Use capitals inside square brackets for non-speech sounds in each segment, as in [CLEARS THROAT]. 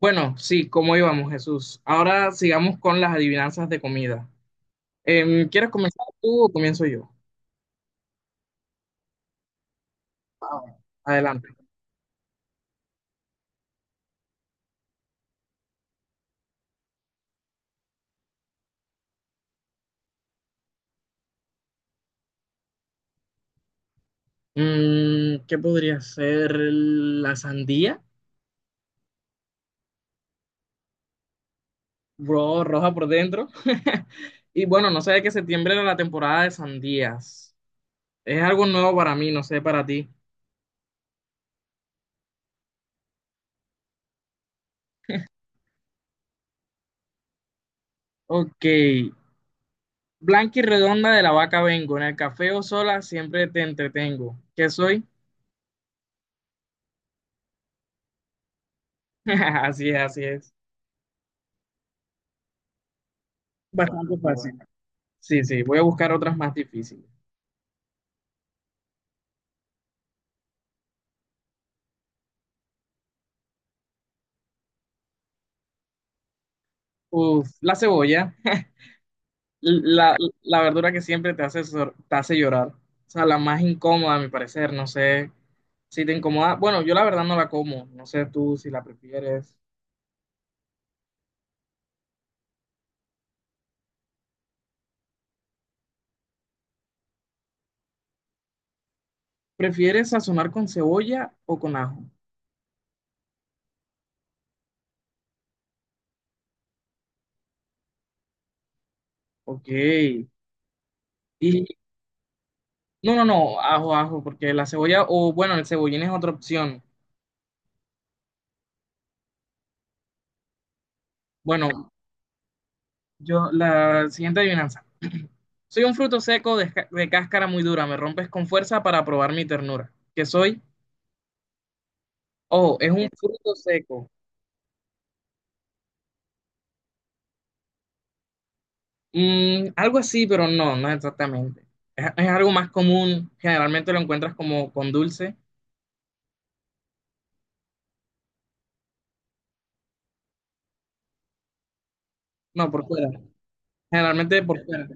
Bueno, sí, ¿cómo íbamos, Jesús? Ahora sigamos con las adivinanzas de comida. ¿Quieres comenzar tú o comienzo yo? Ah, adelante. Mm, ¿qué podría ser la sandía? Bro, roja por dentro. [LAUGHS] Y bueno, no sé que septiembre era la temporada de sandías. Es algo nuevo para mí, no sé para ti. Ok. Blanca y redonda de la vaca vengo. En el café o sola siempre te entretengo. ¿Qué soy? [LAUGHS] Así es, así es. Bastante fácil. Sí, sí, voy a buscar otras más difíciles. Uf, la cebolla, [LAUGHS] la, la verdura que siempre te hace, te hace llorar. O sea, la más incómoda, a mi parecer. No sé si te incomoda. Bueno, yo la verdad no la como. No sé tú si la prefieres. ¿Prefieres sazonar con cebolla o con ajo? Ok. Y no, no, no, ajo, ajo, porque la cebolla, o bueno, el cebollín es otra opción. Bueno, yo, la siguiente adivinanza. [CLEARS THROAT] Soy un fruto seco de, de cáscara muy dura, me rompes con fuerza para probar mi ternura. ¿Qué soy? Ojo, es un fruto seco. Mm, algo así, pero no, no exactamente. Es algo más común, generalmente lo encuentras como con dulce. No, por fuera. Generalmente por fuera.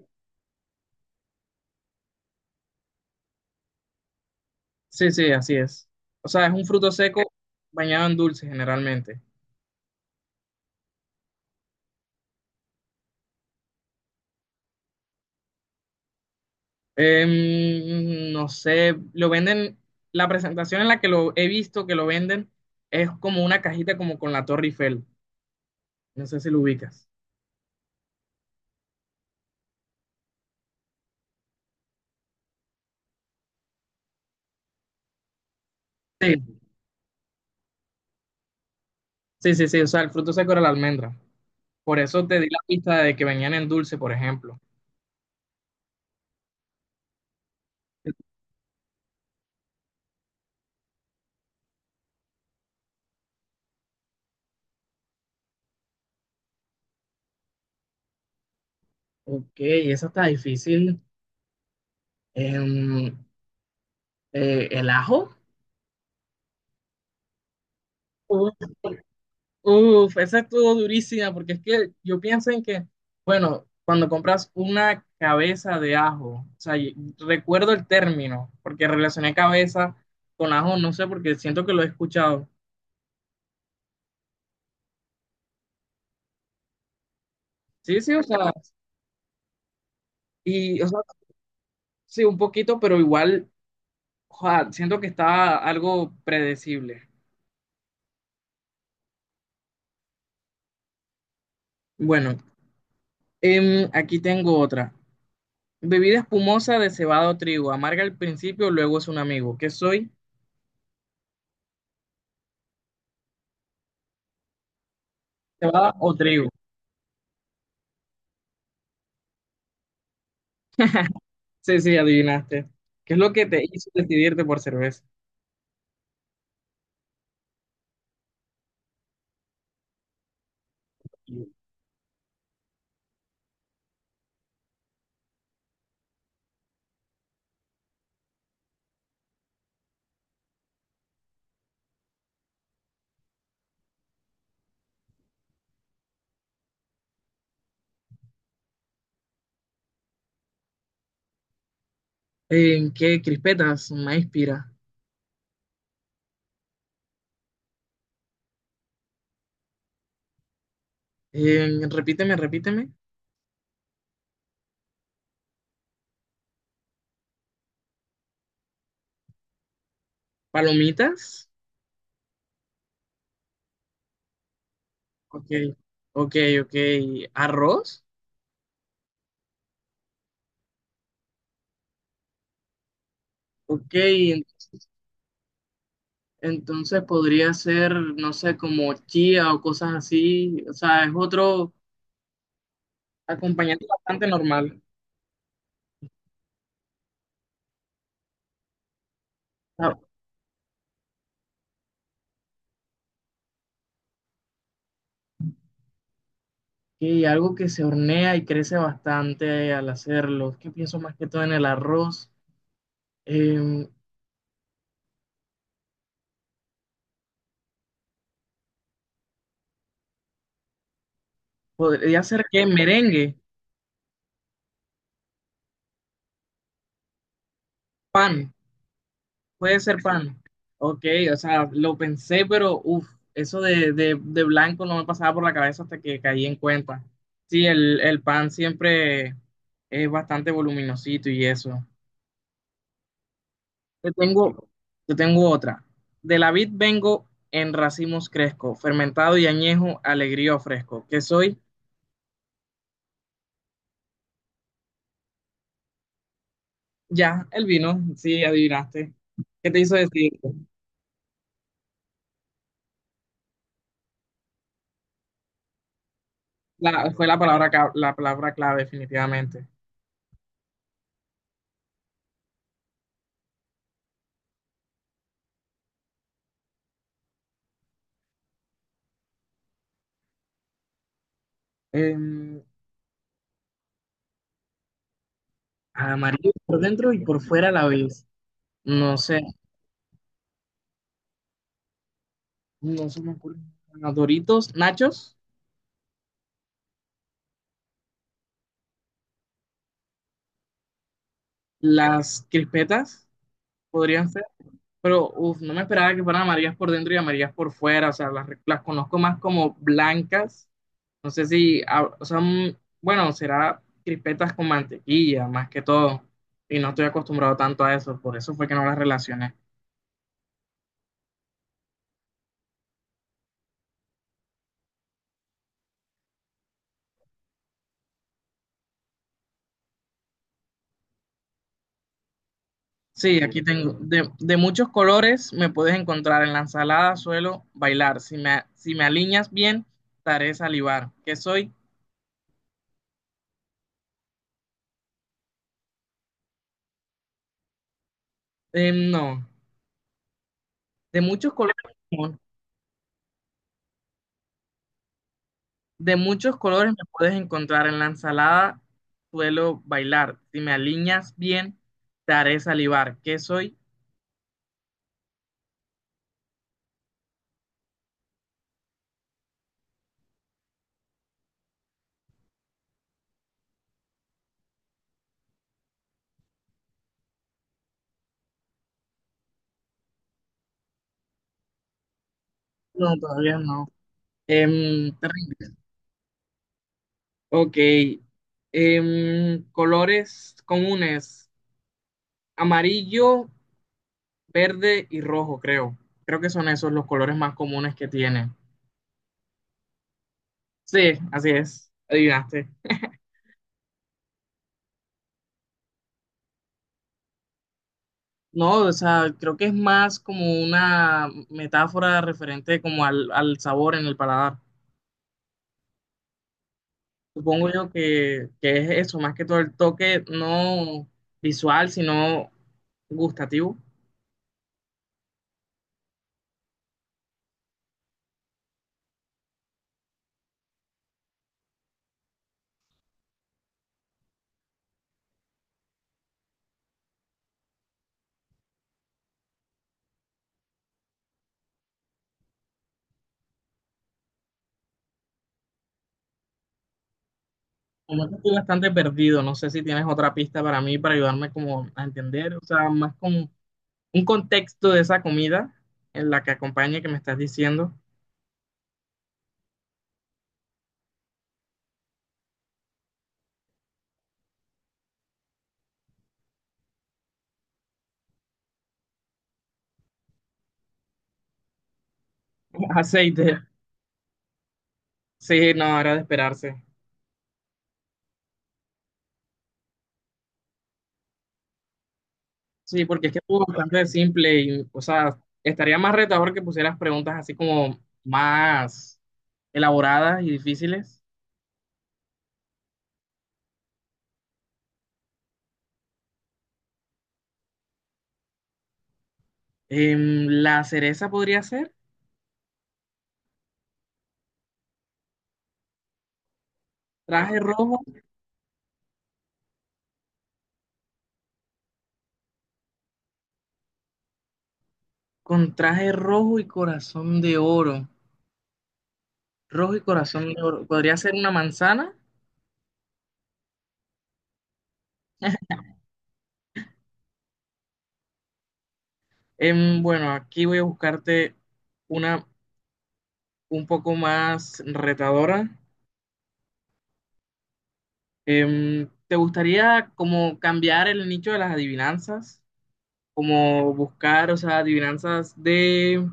Sí, sí, así es. O sea, es un fruto seco bañado en dulce generalmente. No sé, lo venden, la presentación en la que lo he visto que lo venden es como una cajita como con la Torre Eiffel. No sé si lo ubicas. Sí, sí, sí, sí, o sea, el fruto seco era la almendra. Por eso te di la pista de que venían en dulce, por ejemplo. Ok, eso está difícil. Em, ¿El ajo? Uf, esa estuvo durísima porque es que yo pienso en que, bueno, cuando compras una cabeza de ajo, o sea, recuerdo el término, porque relacioné cabeza con ajo, no sé, porque siento que lo he escuchado. Sí, sí, o sea, y, o sea, sí, un poquito, pero igual, joa, siento que está algo predecible. Bueno, aquí tengo otra. Bebida espumosa de cebada o trigo, amarga al principio, luego es un amigo. ¿Qué soy? ¿Cebada o trigo? [LAUGHS] Sí, sí, adivinaste. ¿Qué es lo que te hizo decidirte por cerveza? ¿En qué crispetas? Maíz pira. Repíteme, repíteme. ¿Palomitas? Ok, ok, ok. ¿Arroz? Ok, entonces podría ser, no sé, como chía o cosas así. O sea, es otro acompañante bastante normal. Ah, ok, algo que se hornea y crece bastante al hacerlo. Es que pienso más que todo en el arroz. Em, podría ser qué merengue. Pan, puede ser pan. Ok, o sea, lo pensé, pero uff, eso de blanco no me pasaba por la cabeza hasta que caí en cuenta. Sí, el pan siempre es bastante voluminosito y eso. Te tengo, te tengo otra. De la vid vengo en racimos cresco, fermentado y añejo, alegría fresco. Que soy. Ya el vino, sí, adivinaste. ¿Qué te hizo decir? Fue la palabra, la palabra clave, definitivamente. Em, amarillo por dentro y por fuera a la vez. No sé, no se me ocurren. Los Doritos, Nachos, las crispetas podrían ser, pero uf, no me esperaba que fueran amarillas por dentro y amarillas por fuera. O sea, las conozco más como blancas. No sé si, ah, o sea, mm, bueno, será crispetas con mantequilla más que todo. Y no estoy acostumbrado tanto a eso, por eso fue que no las relacioné. Sí, aquí tengo. De muchos colores me puedes encontrar. En la ensalada suelo bailar. Si me, si me alineas bien, te haré salivar. ¿Qué soy? No. De muchos colores, no. De muchos colores me puedes encontrar. En la ensalada suelo bailar. Si me alineas bien, te haré salivar. ¿Qué soy? No, todavía no. Te rindo. Ok. Colores comunes. Amarillo, verde y rojo, creo. Creo que son esos los colores más comunes que tiene. Sí, así es, adivinaste. No, o sea, creo que es más como una metáfora referente como al, al sabor en el paladar. Supongo yo que es eso, más que todo el toque no visual, sino gustativo. Como que estoy bastante perdido, no sé si tienes otra pista para mí, para ayudarme como a entender, o sea, más como un contexto de esa comida en la que acompañe que me estás diciendo. Aceite. Sí, no, era de esperarse. Sí, porque es que estuvo bastante simple y, o sea, estaría más retador que pusieras preguntas así como más elaboradas y difíciles. La cereza podría ser traje rojo con traje rojo y corazón de oro. Rojo y corazón de oro. Podría ser una manzana. Bueno, aquí voy a buscarte una un poco más retadora. ¿Te gustaría como cambiar el nicho de las adivinanzas? Como buscar, o sea, adivinanzas de,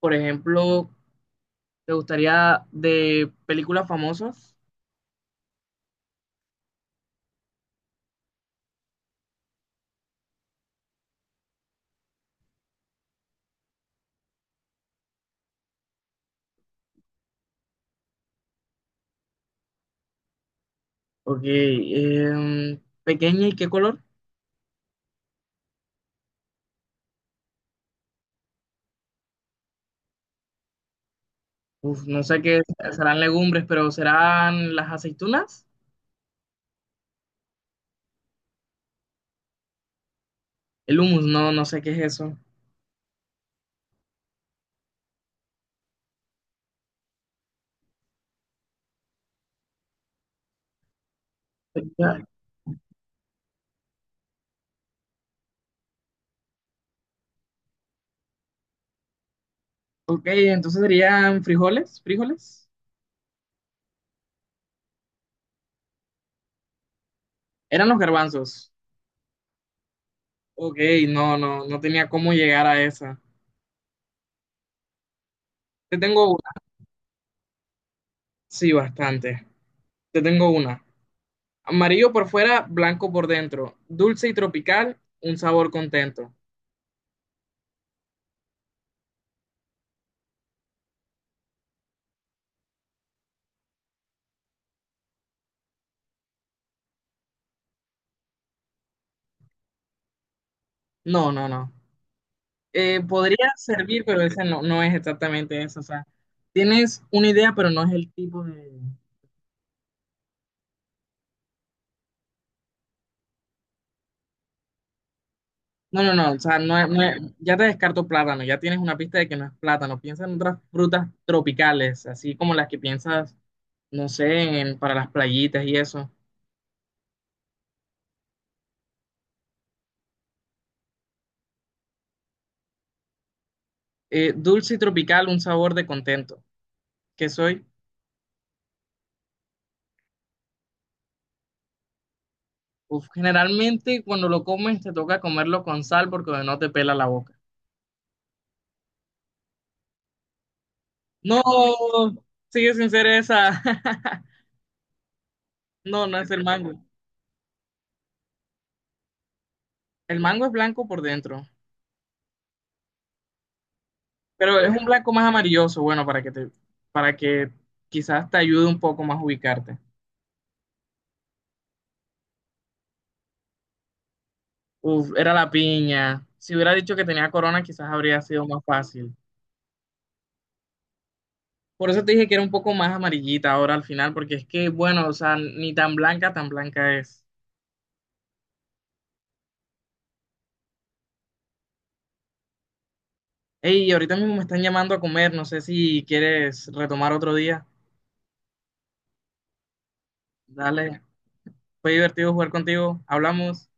por ejemplo, ¿te gustaría de películas famosas? Ok, pequeña y qué color? Uf, no sé qué es, serán legumbres, pero serán las aceitunas, el humus, no, no sé qué es eso. Ya. Ok, entonces serían frijoles, frijoles. Eran los garbanzos. Ok, no, no, no tenía cómo llegar a esa. Te tengo una, sí, bastante. Te tengo una. Amarillo por fuera, blanco por dentro. Dulce y tropical, un sabor contento. No, no, no. Podría servir, pero ese no, no es exactamente eso. O sea, tienes una idea, pero no es el tipo de... No, no, no. O sea, no es- no es- ya te descarto plátano. Ya tienes una pista de que no es plátano. Piensa en otras frutas tropicales, así como las que piensas, no sé, para las playitas y eso. Dulce y tropical, un sabor de contento. ¿Qué soy? Uf, generalmente cuando lo comes te toca comerlo con sal porque no te pela la boca. No, sigue sin ser esa. [LAUGHS] No, no es el mango. El mango es blanco por dentro, pero es un blanco más amarilloso, bueno, para que te, para que quizás te ayude un poco más a ubicarte. Uf, era la piña. Si hubiera dicho que tenía corona, quizás habría sido más fácil. Por eso te dije que era un poco más amarillita ahora al final, porque es que, bueno, o sea, ni tan blanca, tan blanca es. Hey, ahorita mismo me están llamando a comer, no sé si quieres retomar otro día. Dale, fue divertido jugar contigo, hablamos.